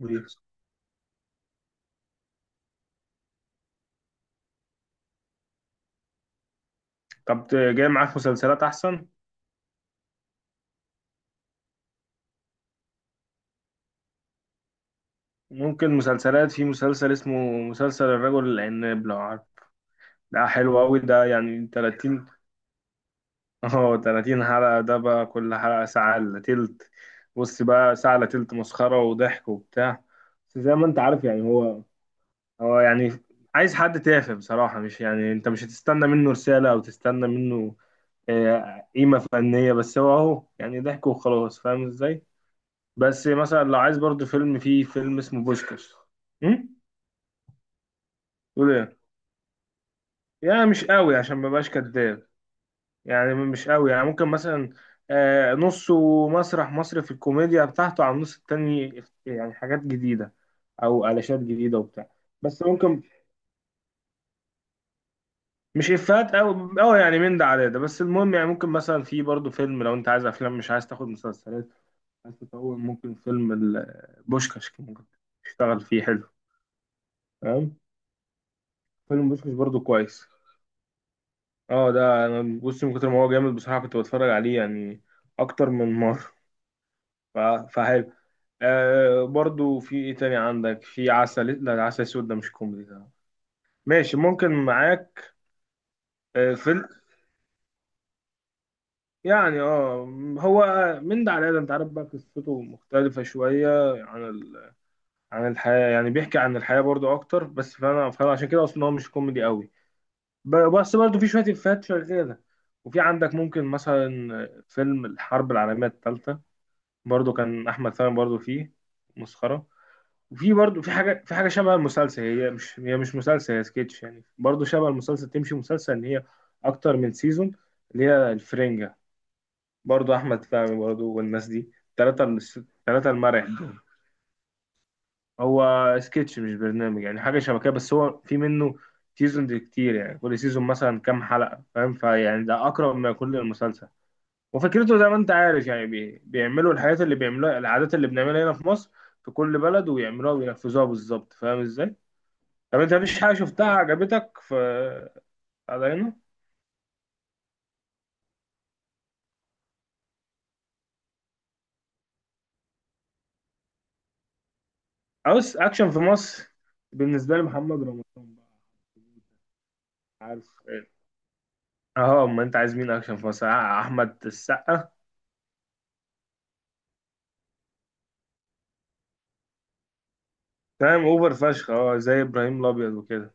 قولي. طب جاي معاك مسلسلات احسن. ممكن مسلسلات، في مسلسل اسمه مسلسل الرجل العناب لو عارف. ده حلو قوي ده، يعني 30، اه 30 حلقة. ده بقى كل حلقة ساعة الا تلت. بص بقى ساعة الا تلت مسخرة وضحك وبتاع. بس زي ما انت عارف يعني هو يعني عايز حد تافه بصراحة، مش يعني انت مش هتستنى منه رسالة او تستنى منه قيمة فنية، بس هو اهو يعني ضحك وخلاص، فاهم ازاي. بس مثلا لو عايز برضو فيلم، فيه فيلم اسمه بوشكاش. امم تقول ايه؟ يعني مش قوي عشان ما بقاش كداب. يعني مش قوي، يعني ممكن مثلا نصه مسرح مصري في الكوميديا بتاعته، على النص التاني يعني حاجات جديدة او علاشات جديدة وبتاع. بس ممكن، مش افيهات او او يعني من ده على ده، بس المهم يعني ممكن مثلا في برضو فيلم، لو انت عايز افلام مش عايز تاخد مسلسلات، عايز تطول، ممكن فيلم بوشكاش، ممكن تشتغل فيه حلو. تمام. فيلم بوشكاش برضو كويس. اه ده انا بص، من كتر ما هو جامد بصراحه كنت بتفرج عليه يعني اكتر من مره. ف- فحلو. آه برضو في ايه تاني عندك؟ في عسل، لا ده عسل اسود، ده مش كوميدي ده. ماشي ممكن معاك. آه فيلم، يعني اه، هو من ده على ده، انت عارف بقى قصته مختلفه شويه عن عن الحياه، يعني بيحكي عن الحياه برضو اكتر، بس فانا عشان كده اصلا هو مش كوميدي قوي. بس برضو في شويه افيهات شغاله. وفي عندك ممكن مثلا فيلم الحرب العالميه الثالثه، برضو كان احمد سامي برضو فيه. مسخره. وفي برضو في حاجه، في حاجه شبه المسلسل، هي مش مسلسل، هي سكتش يعني، برضو شبه المسلسل، تمشي مسلسل ان هي اكتر من سيزون، اللي هي الفرنجه، برضو احمد سامي برضو والناس دي. ثلاثه، ثلاثه المرح دول. هو سكتش مش برنامج، يعني حاجه شبه كده، بس هو في منه سيزون كتير يعني، كل سيزون مثلا كام حلقه، فاهم؟ فيعني ده اقرب ما يكون للمسلسل. وفكرته زي ما انت عارف يعني بيعملوا الحاجات اللي بيعملوها، العادات اللي بنعملها هنا في مصر، في كل بلد ويعملوها وينفذوها بالظبط، فاهم ازاي؟ طب انت مفيش حاجة شفتها عجبتك في، على هنا؟ عاوز اكشن في مصر؟ بالنسبة لي محمد رمضان بقى، عارف ايه؟ اه ما انت عايز مين اكشن في مصر؟ احمد السقا. فاهم، اوفر فشخ، اه زي ابراهيم الابيض وكده.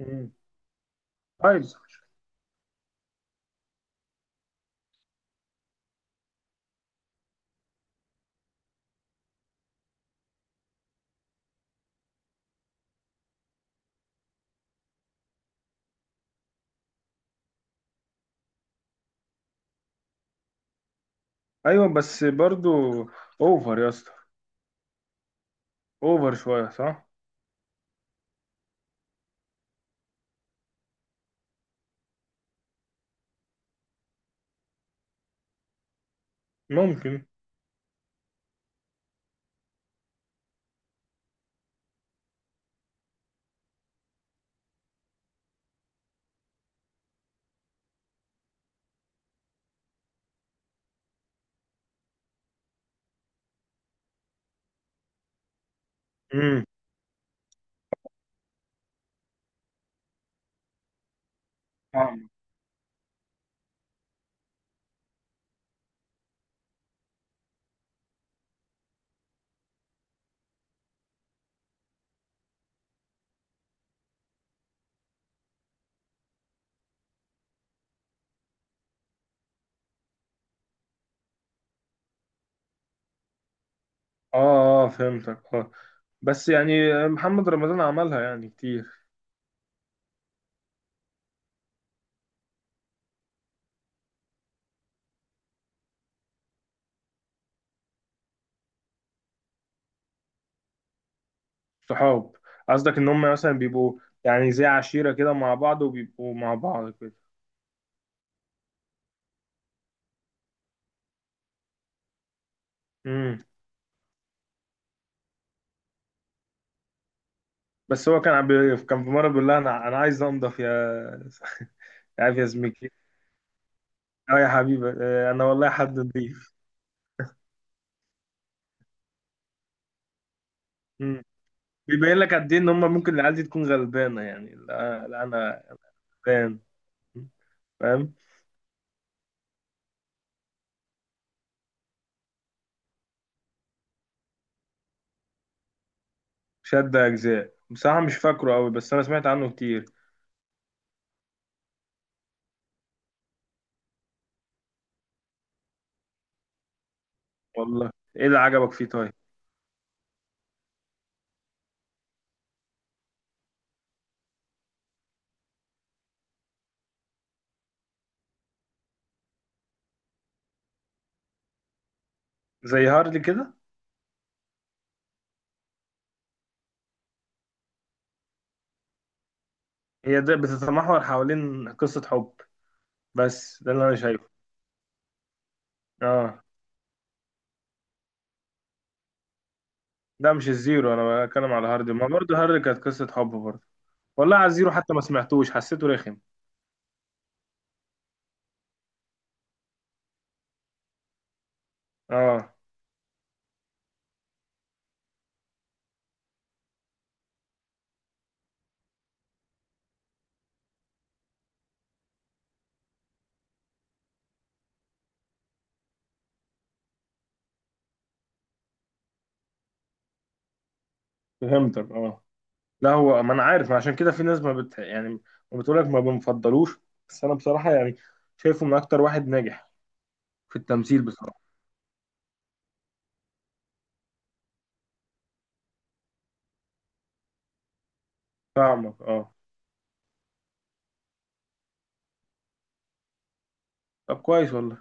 مم. طيب. ايوه بس برضو. اوفر يا اسطى، اوفر شوية صح؟ ممكن. امم. اه اه فهمتك، اه. بس يعني محمد رمضان عملها يعني كتير. صحاب، قصدك ان هم مثلا بيبقوا يعني زي عشيرة كده مع بعض وبيبقوا مع بعض كده. امم. بس هو كان كان في مرة بيقول لها انا عايز انضف يا عارف يا زميكي، اه يا حبيبي، انا والله حد نضيف. امم. بيبين لك قد ايه ان هم ممكن العيال دي تكون غلبانة، يعني لا انا غلبان، فاهم. شد اجزاء بصراحة مش فاكره قوي، بس انا سمعت عنه كتير. والله، ايه اللي عجبك فيه طيب؟ زي هارلي كده. هي ده بتتمحور حوالين قصة حب، بس ده اللي انا شايفه. اه ده مش الزيرو، انا بتكلم على هارلي، ما برضه هارلي كانت قصة حب برضه. والله على الزيرو حتى ما سمعتوش، حسيته رخم. اه فهمتك اه. لا هو ما انا عارف، ما عشان كده في ناس ما بت يعني ما بتقولك ما بنفضلوش. بس انا بصراحة يعني شايفه من اكتر واحد ناجح في التمثيل بصراحة. فاهمك اه. طب كويس والله.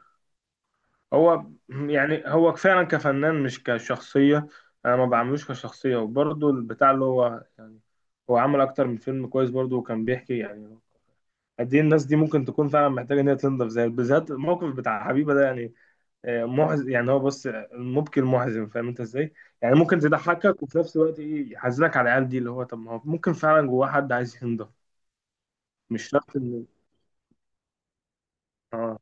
هو فعلا كفنان مش كشخصية. أنا ما بعملوش كشخصية، وبرضه البتاع اللي هو يعني هو عمل أكتر من فيلم كويس برضه، وكان بيحكي يعني قد إيه الناس دي ممكن تكون فعلا محتاجة إن هي تنضف، زي بالذات الموقف بتاع حبيبة ده يعني محزن يعني. هو بص المبكي المحزن، فاهم أنت إزاي؟ يعني ممكن تضحكك وفي نفس الوقت إيه يحزنك على العيال دي، اللي هو طب ما هو ممكن فعلا جواه حد عايز ينضف. مش شرط إن آه.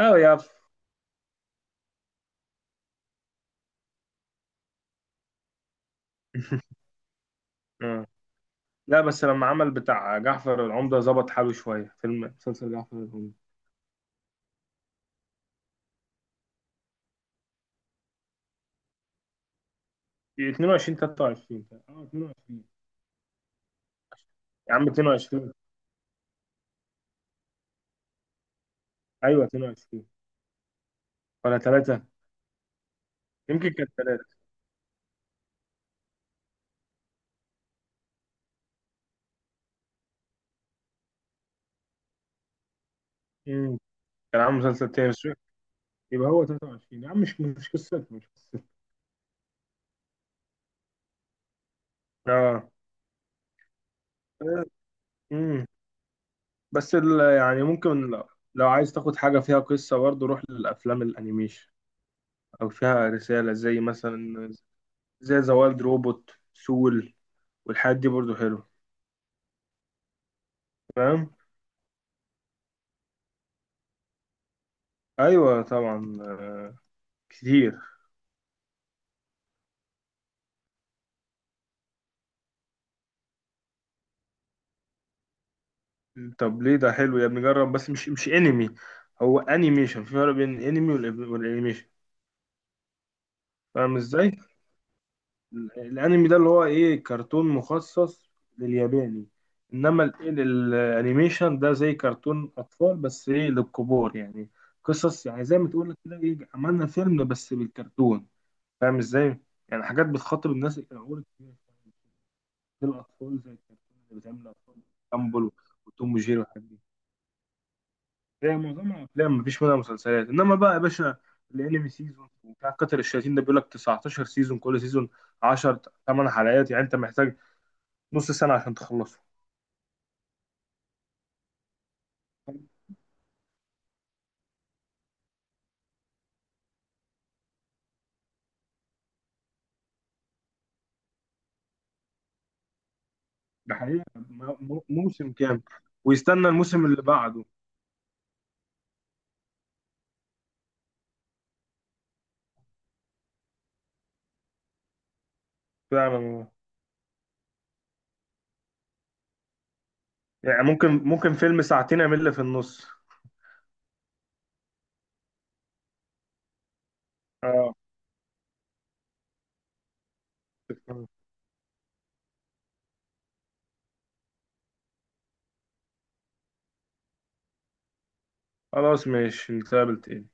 أه يا آه. لا بس لما عمل بتاع جعفر العمدة ظبط حاله شوية، فيلم مسلسل جعفر العمدة. 22 23 اه 22. يا عم 22. ايوه 22 ولا 3. يمكن كانت 3. امم. كان عامل مسلسل تاني بس يبقى هو 23 يا عم، مش قصته، مش قصته. اه. امم. بس يعني ممكن لو عايز تاخد حاجة فيها قصة برضه، روح للأفلام الأنيميشن، أو فيها رسالة زي مثلا زي ذا وايلد روبوت سول والحاجات دي برضه حلوة، فاهم؟ ايوه طبعا، كتير. طب ليه؟ ده حلو يا ابني، جرب. بس مش انمي، هو انيميشن. في فرق بين انمي والانيميشن، فاهم ازاي؟ الانمي ده اللي هو ايه، كرتون مخصص للياباني. انما الانيميشن ده زي كرتون اطفال بس ايه، للكبار يعني. قصص يعني زي ما تقول كده، ايه، عملنا فيلم بس بالكرتون، فاهم ازاي؟ يعني حاجات بتخاطب الناس العقول الكبيرة شوية، زي الاطفال، زي الكرتون اللي بتعمل الاطفال. جامبل وتوم وجيري والحاجات دي، هي معظمها افلام مفيش منها مسلسلات. انما بقى يا باشا الانمي سيزون، وبتاع كتر الشياطين ده بيقول لك 19 سيزون، كل سيزون 10 8 حلقات، يعني انت محتاج نص سنه عشان تخلصه. ده حقيقة موسم كام، ويستنى الموسم اللي بعده. فعلا والله. يعني ممكن ممكن فيلم ساعتين يعمل لي في النص، اه. خلاص ماشي نتقابل تاني